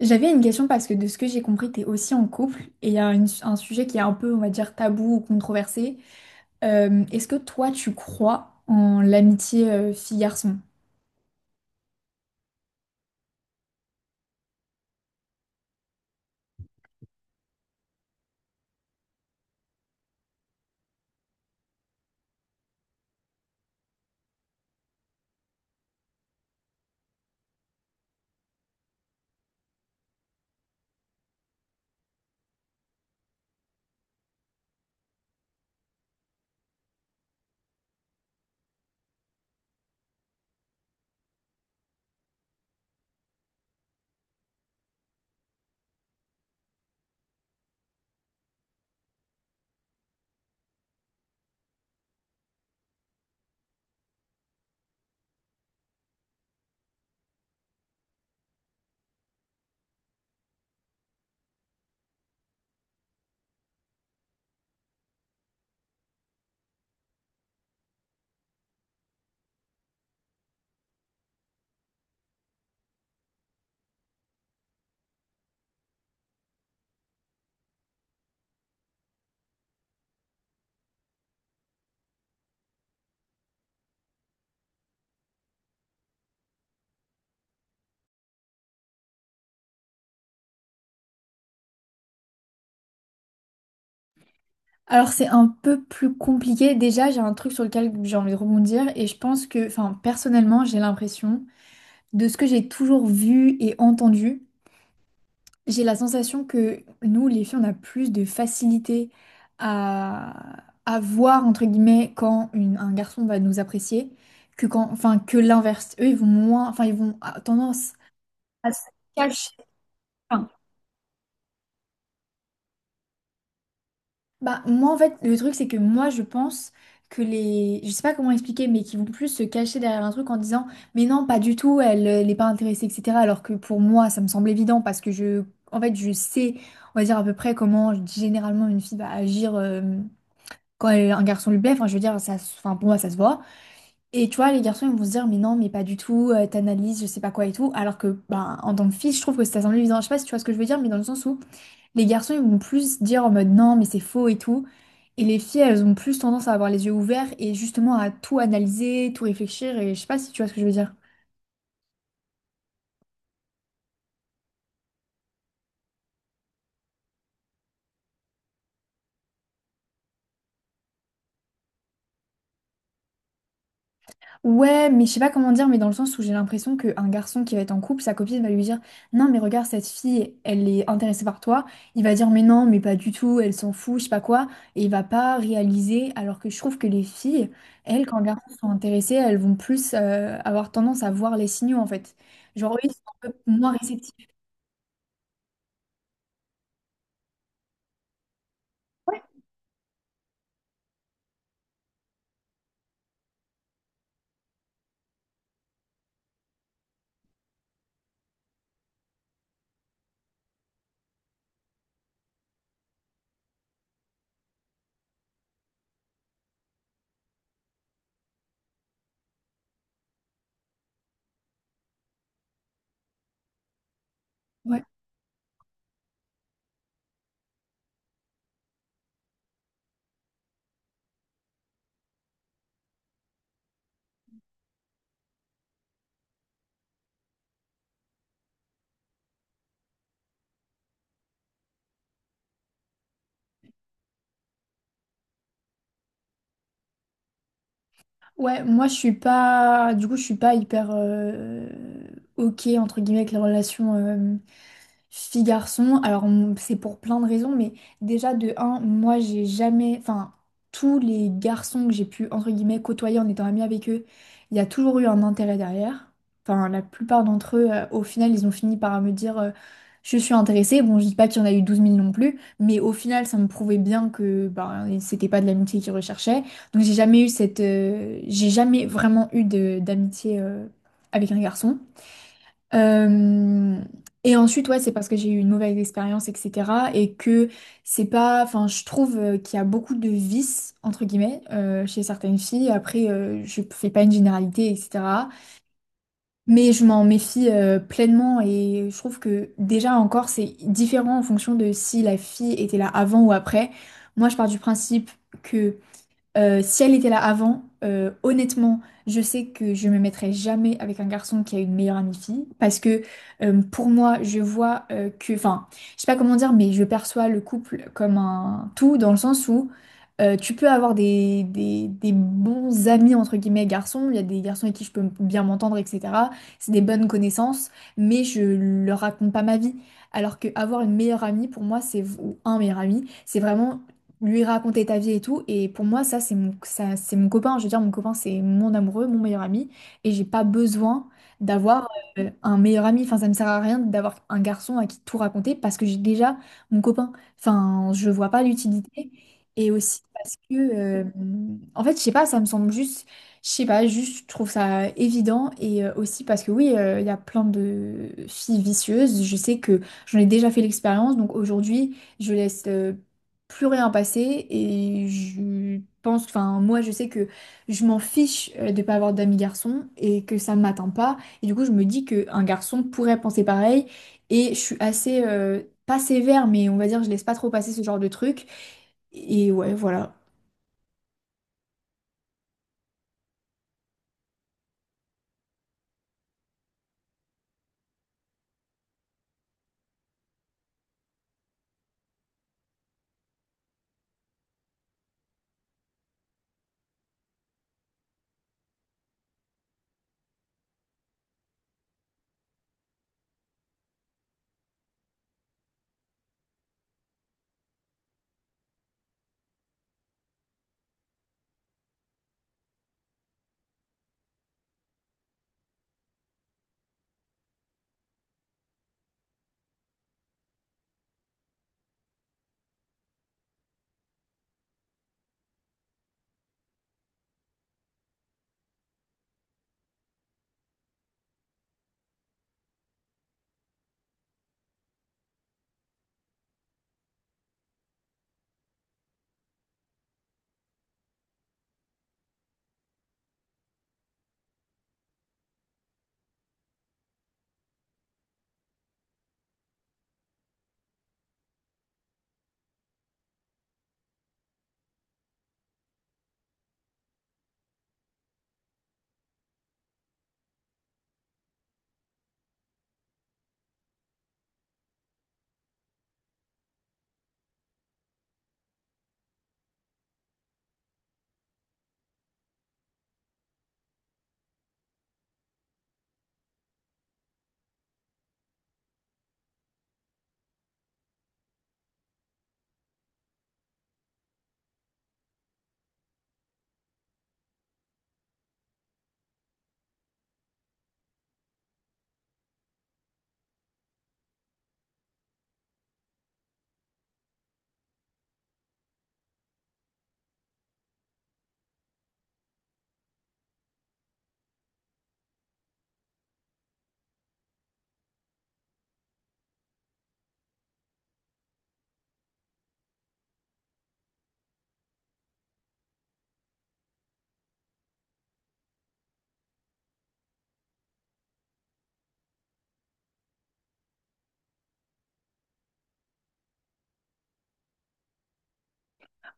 J'avais une question parce que de ce que j'ai compris, t'es aussi en couple et il y a un sujet qui est un peu, on va dire, tabou ou controversé. Est-ce que toi, tu crois en l'amitié fille-garçon? Alors, c'est un peu plus compliqué. Déjà, j'ai un truc sur lequel j'ai envie de rebondir et je pense que, personnellement, j'ai l'impression, de ce que j'ai toujours vu et entendu, j'ai la sensation que nous, les filles, on a plus de facilité à voir, entre guillemets, quand un garçon va nous apprécier, que quand, que l'inverse. Eux, ils vont moins, ils vont tendance à se cacher. Enfin, moi, en fait, le truc, c'est que moi, je pense que je sais pas comment expliquer, mais qui vont plus se cacher derrière un truc en disant, mais non, pas du tout, elle, elle n'est pas intéressée, etc. Alors que pour moi, ça me semble évident parce que en fait, je sais, on va dire à peu près comment généralement une fille va agir. Quand un garçon lui plaît, je veux dire, enfin, pour moi, ça se voit. Et tu vois, les garçons, ils vont se dire, mais non, mais pas du tout, t'analyses, je sais pas quoi et tout. Alors que, ben, en tant que fille, je trouve que ça semble évident. Je sais pas si tu vois ce que je veux dire, mais dans le sens où les garçons, ils vont plus dire en mode non, mais c'est faux et tout. Et les filles, elles ont plus tendance à avoir les yeux ouverts et justement à tout analyser, tout réfléchir. Et je sais pas si tu vois ce que je veux dire. Ouais, mais je sais pas comment dire, mais dans le sens où j'ai l'impression qu'un garçon qui va être en couple, sa copine va lui dire, non, mais regarde, cette fille, elle est intéressée par toi. Il va dire, mais non, mais pas du tout, elle s'en fout, je sais pas quoi. Et il va pas réaliser, alors que je trouve que les filles, elles, quand les garçons sont intéressés, elles vont plus avoir tendance à voir les signaux, en fait. Genre, eux, ils sont un peu moins réceptifs. Ouais. Ouais, moi je suis pas, du coup je suis pas hyper ok entre guillemets avec les relations fille garçon, alors c'est pour plein de raisons, mais déjà de un, moi j'ai jamais, enfin tous les garçons que j'ai pu entre guillemets côtoyer en étant amie avec eux, il y a toujours eu un intérêt derrière. Enfin la plupart d'entre eux, au final, ils ont fini par me dire je suis intéressée. Bon, je dis pas qu'il y en a eu douze mille non plus, mais au final ça me prouvait bien que ben, c'était pas de l'amitié qu'ils recherchaient. Donc j'ai jamais eu j'ai jamais vraiment eu de d'amitié avec un garçon. Euh, et ensuite, ouais, c'est parce que j'ai eu une mauvaise expérience, etc. Et que c'est pas. Enfin, je trouve qu'il y a beaucoup de vices, entre guillemets, chez certaines filles. Après, je fais pas une généralité, etc. Mais je m'en méfie pleinement. Et je trouve que déjà encore, c'est différent en fonction de si la fille était là avant ou après. Moi, je pars du principe. Que si elle était là avant, honnêtement, je sais que je me mettrai jamais avec un garçon qui a une meilleure amie fille parce que pour moi, je vois que, je sais pas comment dire, mais je perçois le couple comme un tout dans le sens où tu peux avoir des bons amis entre guillemets garçons, il y a des garçons avec qui je peux bien m'entendre, etc. C'est des bonnes connaissances, mais je leur raconte pas ma vie. Alors qu'avoir une meilleure amie, pour moi, c'est ou un meilleur ami, c'est vraiment lui raconter ta vie et tout. Et pour moi, ça, c'est mon copain. Je veux dire, mon copain, c'est mon amoureux, mon meilleur ami. Et j'ai pas besoin d'avoir un meilleur ami. Enfin, ça me sert à rien d'avoir un garçon à qui tout raconter parce que j'ai déjà mon copain. Enfin, je vois pas l'utilité. Et aussi parce que, en fait, je sais pas, ça me semble juste, je sais pas, juste, je trouve ça évident. Et aussi parce que, oui, il y a plein de filles vicieuses. Je sais que j'en ai déjà fait l'expérience. Donc aujourd'hui, je laisse. Plus rien passé et je pense, enfin moi je sais que je m'en fiche de pas avoir d'amis garçons et que ça ne m'atteint pas et du coup je me dis qu'un garçon pourrait penser pareil et je suis assez, pas sévère mais on va dire je laisse pas trop passer ce genre de truc et ouais voilà.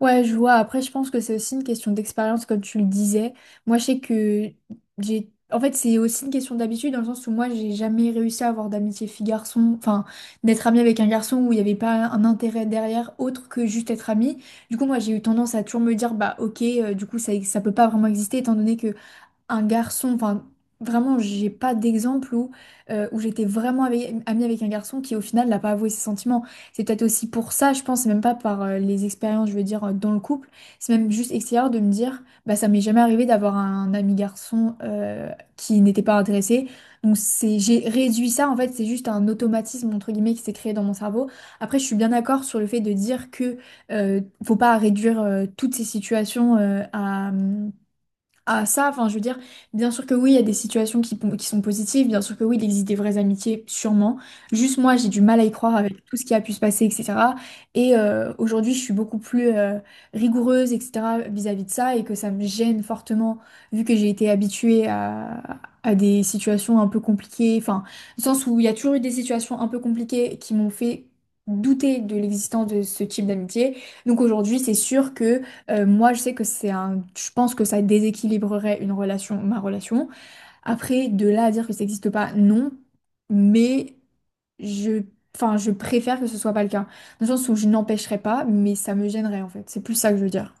Ouais, je vois. Après, je pense que c'est aussi une question d'expérience, comme tu le disais. Moi, je sais que j'ai. En fait, c'est aussi une question d'habitude, dans le sens où moi, j'ai jamais réussi à avoir d'amitié fille-garçon, enfin, d'être amie avec un garçon où il n'y avait pas un intérêt derrière autre que juste être amie. Du coup, moi, j'ai eu tendance à toujours me dire, bah, ok, du coup, ça peut pas vraiment exister, étant donné que un garçon, enfin vraiment j'ai pas d'exemple où j'étais vraiment amie avec un garçon qui au final n'a pas avoué ses sentiments. C'est peut-être aussi pour ça, je pense, c'est même pas par les expériences, je veux dire, dans le couple, c'est même juste extérieur de me dire, bah ça m'est jamais arrivé d'avoir un ami garçon qui n'était pas intéressé. Donc c'est, j'ai réduit ça, en fait c'est juste un automatisme entre guillemets qui s'est créé dans mon cerveau. Après je suis bien d'accord sur le fait de dire que faut pas réduire toutes ces situations à ça, enfin je veux dire, bien sûr que oui, il y a des situations qui sont positives, bien sûr que oui, il existe des vraies amitiés, sûrement. Juste moi, j'ai du mal à y croire avec tout ce qui a pu se passer, etc. Et aujourd'hui, je suis beaucoup plus rigoureuse, etc. vis-à-vis de ça, et que ça me gêne fortement, vu que j'ai été habituée à des situations un peu compliquées, enfin, dans le sens où il y a toujours eu des situations un peu compliquées qui m'ont fait douter de l'existence de ce type d'amitié. Donc aujourd'hui, c'est sûr que... Moi, je sais que c'est un... Je pense que ça déséquilibrerait une relation, ma relation. Après, de là à dire que ça n'existe pas, non. Mais je... Enfin, je préfère que ce soit pas le cas. Dans le sens où je n'empêcherai pas, mais ça me gênerait, en fait. C'est plus ça que je veux dire.